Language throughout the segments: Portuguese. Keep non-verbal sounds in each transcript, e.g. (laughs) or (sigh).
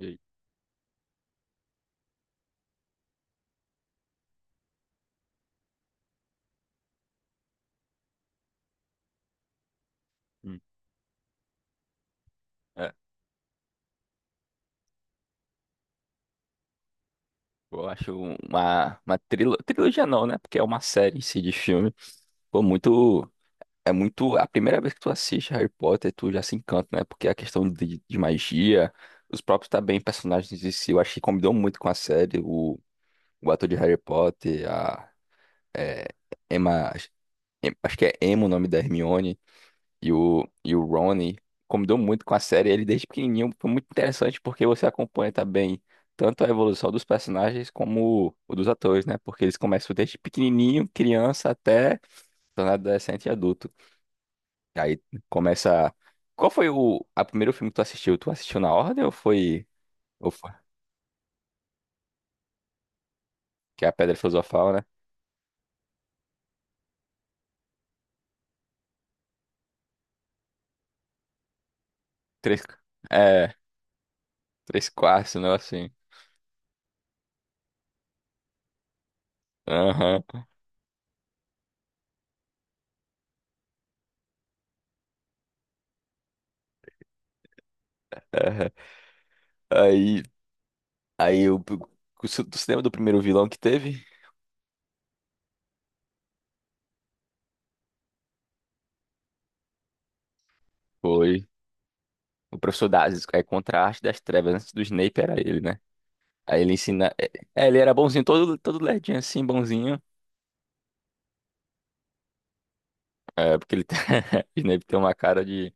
E- hum, é, eu acho uma trilogia não, né? Porque é uma série em si de filme. Pô, muito. É muito. A primeira vez que tu assiste Harry Potter, tu já se encanta, né? Porque a questão de magia, os próprios também personagens em si, eu acho que combinou muito com a série. O ator de Harry Potter, é, Emma. Acho que é Emma o nome da Hermione. E o Ronnie combinou muito com a série. Ele, desde pequenininho, foi muito interessante porque você acompanha também tanto a evolução dos personagens como o dos atores, né? Porque eles começam desde pequenininho, criança, até tornar adolescente e adulto. E aí começa. Qual foi o a primeiro filme que tu assistiu? Tu assistiu na ordem ou foi. Ou foi... Que é a Pedra Filosofal, né? Três. É, três quartos, um assim. Aham. É. Aí. Aí o. Tu se lembra do primeiro vilão que teve? Foi. O professor Dazis é contraste das trevas. Antes do Snape era ele, né? Aí ele ensina. Ele era bonzinho, todo lerdinho assim, bonzinho. É, porque ele tem... (laughs) o Snape tem uma cara de.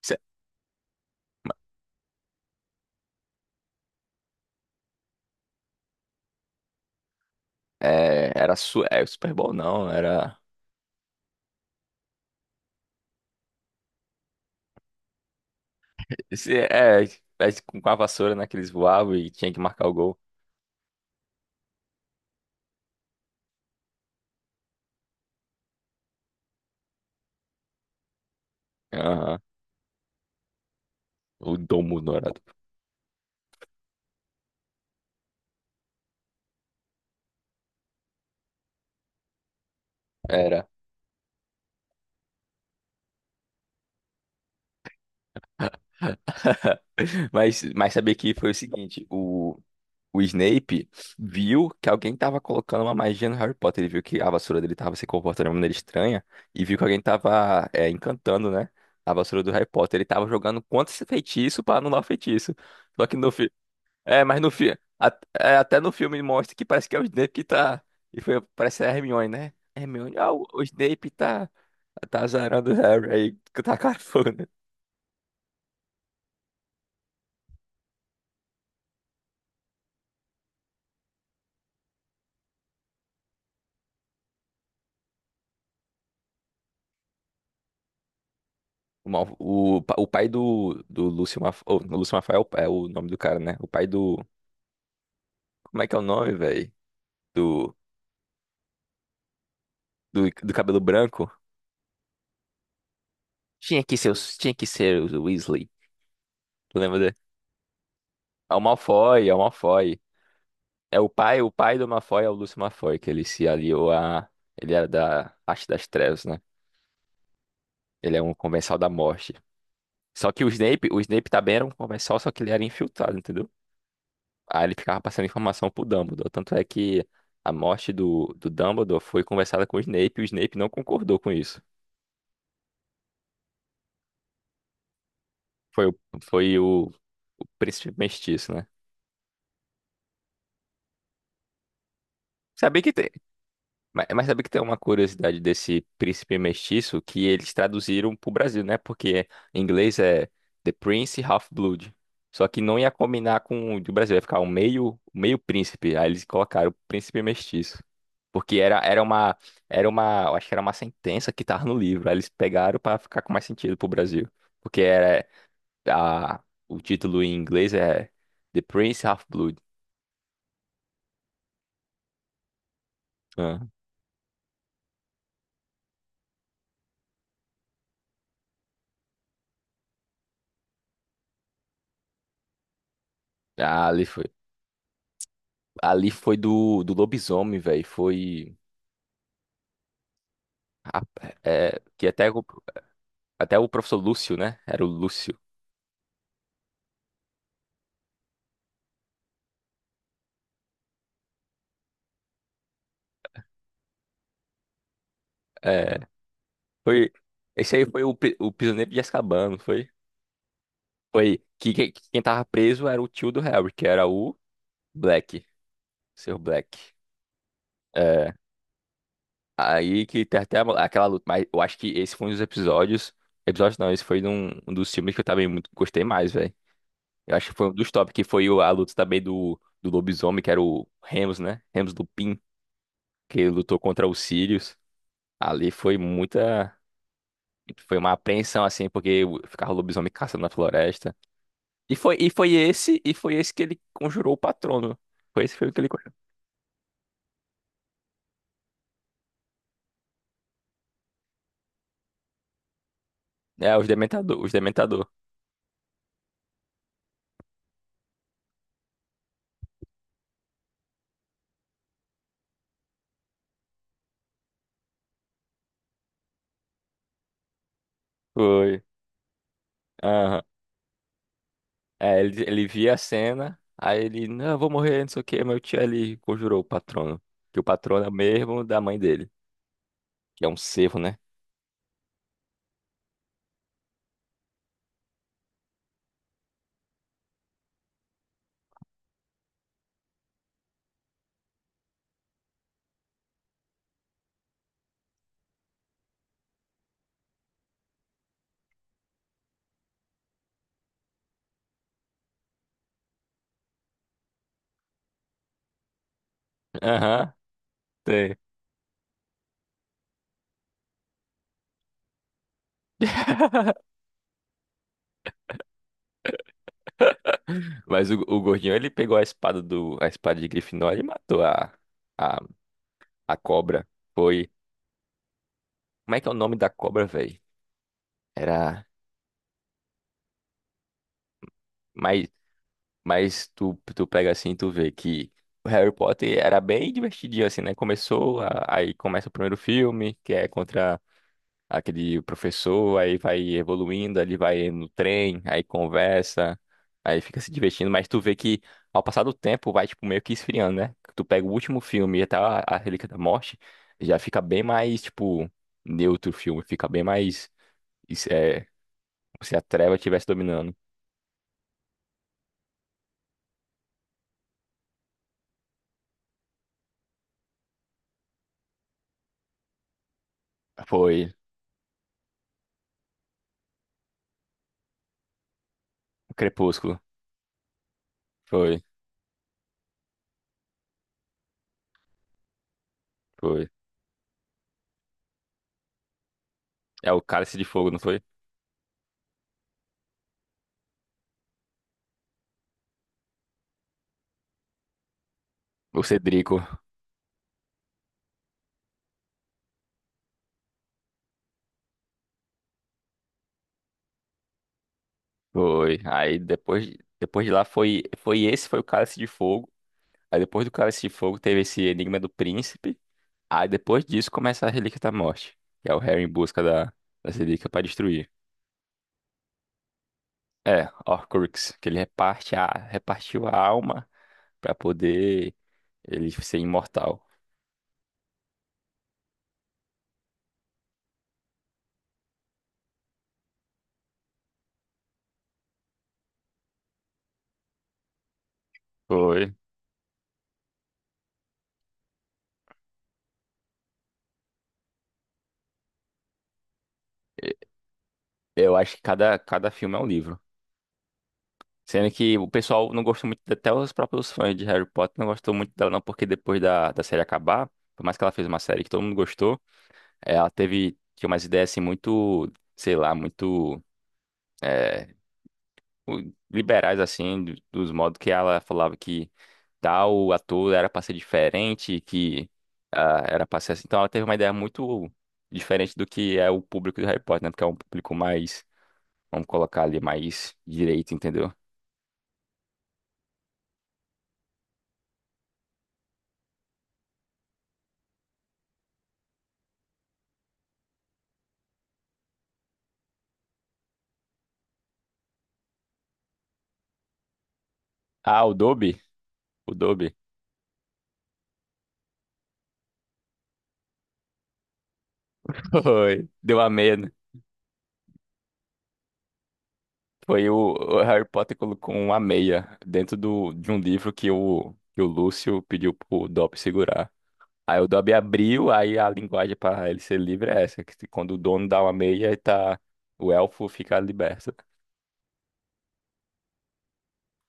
Se- Super Bowl, não. Era. Com a vassoura, né? Que eles voavam e tinha que marcar o gol. Aham. O domo dourado. Era. (laughs) Mas saber que foi o seguinte: o. O Snape viu que alguém tava colocando uma magia no Harry Potter. Ele viu que a vassoura dele tava se comportando de uma maneira estranha. E viu que alguém tava encantando, né? A vassoura do Harry Potter. Ele tava jogando contra esse feitiço pra anular o feitiço. Só que no filme. É, mas no filme. Até no filme mostra que parece que é o Snape que tá. E foi, parece a Hermione, né? Hermione, ah, o Snape tá. Tá azarando o Harry aí, que tá cafona. O pai do Lúcio Malfoy, o Lúcio Malfoy é é o nome do cara, né? O pai do. Como é que é o nome, velho? Do, do cabelo branco? Tinha que ser, tinha que ser o Weasley. Tu lembra dele? É o Malfoy, é o Malfoy. É o pai do Malfoy é o Lúcio Malfoy, que ele se aliou a. Ele era da Arte das Trevas, né? Ele é um comensal da morte. Só que o Snape também era um comensal, só que ele era infiltrado, entendeu? Aí ele ficava passando informação pro Dumbledore. Tanto é que a morte do Dumbledore foi conversada com o Snape e o Snape não concordou com isso. Foi o príncipe mestiço, né? Sabia que tem, mas sabia que tem uma curiosidade desse príncipe mestiço que eles traduziram pro Brasil, né? Porque em inglês é The Prince Half-Blood. Só que não ia combinar com o do Brasil, ia ficar um meio, meio príncipe. Aí eles colocaram príncipe mestiço. Porque era uma, eu acho que era uma sentença que tava no livro. Aí eles pegaram pra ficar com mais sentido pro Brasil. Porque era, o título em inglês é The Prince Half-Blood. Ah, ali foi. Ali foi do lobisomem, velho. Foi. rap- que até, até o professor Lúcio, né? Era o Lúcio. É, foi. Esse aí foi o prisioneiro de Azkaban, não foi? Foi. Quem tava preso era o tio do Harry, que era o Black. Seu Black. É. Aí que tem até aquela luta. Mas eu acho que esse foi um dos episódios. Episódio não, esse foi um dos filmes que eu também muito gostei mais, velho. Eu acho que foi um dos top, que foi a luta também do lobisomem, que era o Remus, né? Remus Lupin. Que lutou contra os Sirius. Ali foi muita. Foi uma apreensão, assim, porque ficava o lobisomem caçando na floresta. E foi esse que ele conjurou o patrono. Foi esse que foi o que ele conjurou. É, os dementador, os dementador. Foi. Aham. É, ele via a cena, não, eu vou morrer, não sei o quê. Meu tio ele conjurou o patrono. Que o patrono é o mesmo da mãe dele. Que é um cervo, né? Aham, tem. (laughs) O gordinho, ele pegou a espada do, a espada de Grifinória e matou a a cobra, foi. Como é que é o nome da cobra, velho? Era. Mas, Tu pega assim, e tu vê que o Harry Potter era bem divertidinho, assim, né? Começou, aí começa o primeiro filme, que é contra aquele professor, aí vai evoluindo, ele vai no trem, aí conversa, aí fica se divertindo, mas tu vê que ao passar do tempo vai, tipo, meio que esfriando, né? Tu pega o último filme e até a Relíquia da Morte, já fica bem mais, tipo, neutro o filme, fica bem mais isso é. Se a treva estivesse dominando. Foi. O Crepúsculo. Foi. Foi. É o Cálice de Fogo, não foi? O Cedrico. Foi. Aí depois, depois de lá foi, foi esse, foi o Cálice de Fogo. Aí depois do Cálice de Fogo teve esse Enigma do Príncipe. Aí depois disso começa a Relíquia da Morte. Que é o Harry em busca da relíquia para destruir. É, Horcrux. Que ele reparte a, repartiu a alma para poder ele ser imortal. Foi. E- Eu acho que cada filme é um livro. Sendo que o pessoal não gostou muito, até os próprios fãs de Harry Potter não gostou muito dela, não, porque depois da série acabar, por mais que ela fez uma série que todo mundo gostou, ela tinha umas ideias assim muito, sei lá, eh, liberais, assim, dos modos que ela falava que tal ator era pra ser diferente, que ah, era pra ser assim. Então ela teve uma ideia muito diferente do que é o público de Harry Potter, né? Porque é um público mais, vamos colocar ali, mais direito, entendeu? Ah, o Dobby? O Dobby. Foi. Deu a meia, né? Foi o Harry Potter colocou uma meia dentro do, de um livro que o Lúcio pediu pro Dobby segurar. Aí o Dobby abriu, aí a linguagem para ele ser livre é essa, que quando o dono dá uma meia, ele tá, o elfo fica liberto.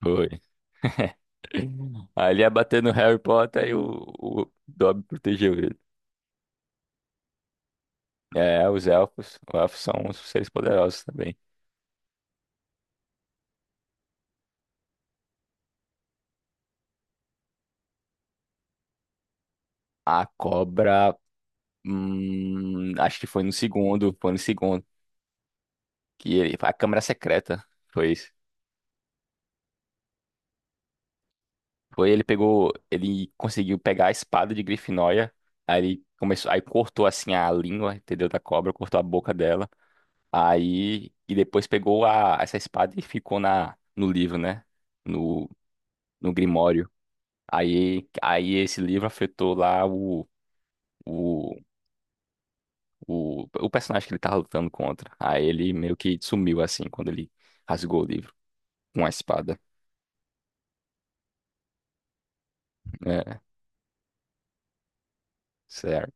Foi. (laughs) Aí ele ia bater no Harry Potter e o Dobby protegeu ele. É, os elfos são os seres poderosos também. A cobra, acho que foi no segundo, foi no segundo. Que ele, a Câmara Secreta, foi isso. Foi ele pegou, ele conseguiu pegar a espada de Grifinória, aí ele começou, aí cortou assim a língua, entendeu, da cobra, cortou a boca dela. Aí e depois pegou a essa espada e ficou na no livro, né? No no Grimório. Aí esse livro afetou lá o, o personagem que ele tava lutando contra. Aí ele meio que sumiu assim quando ele rasgou o livro com a espada. É, isso é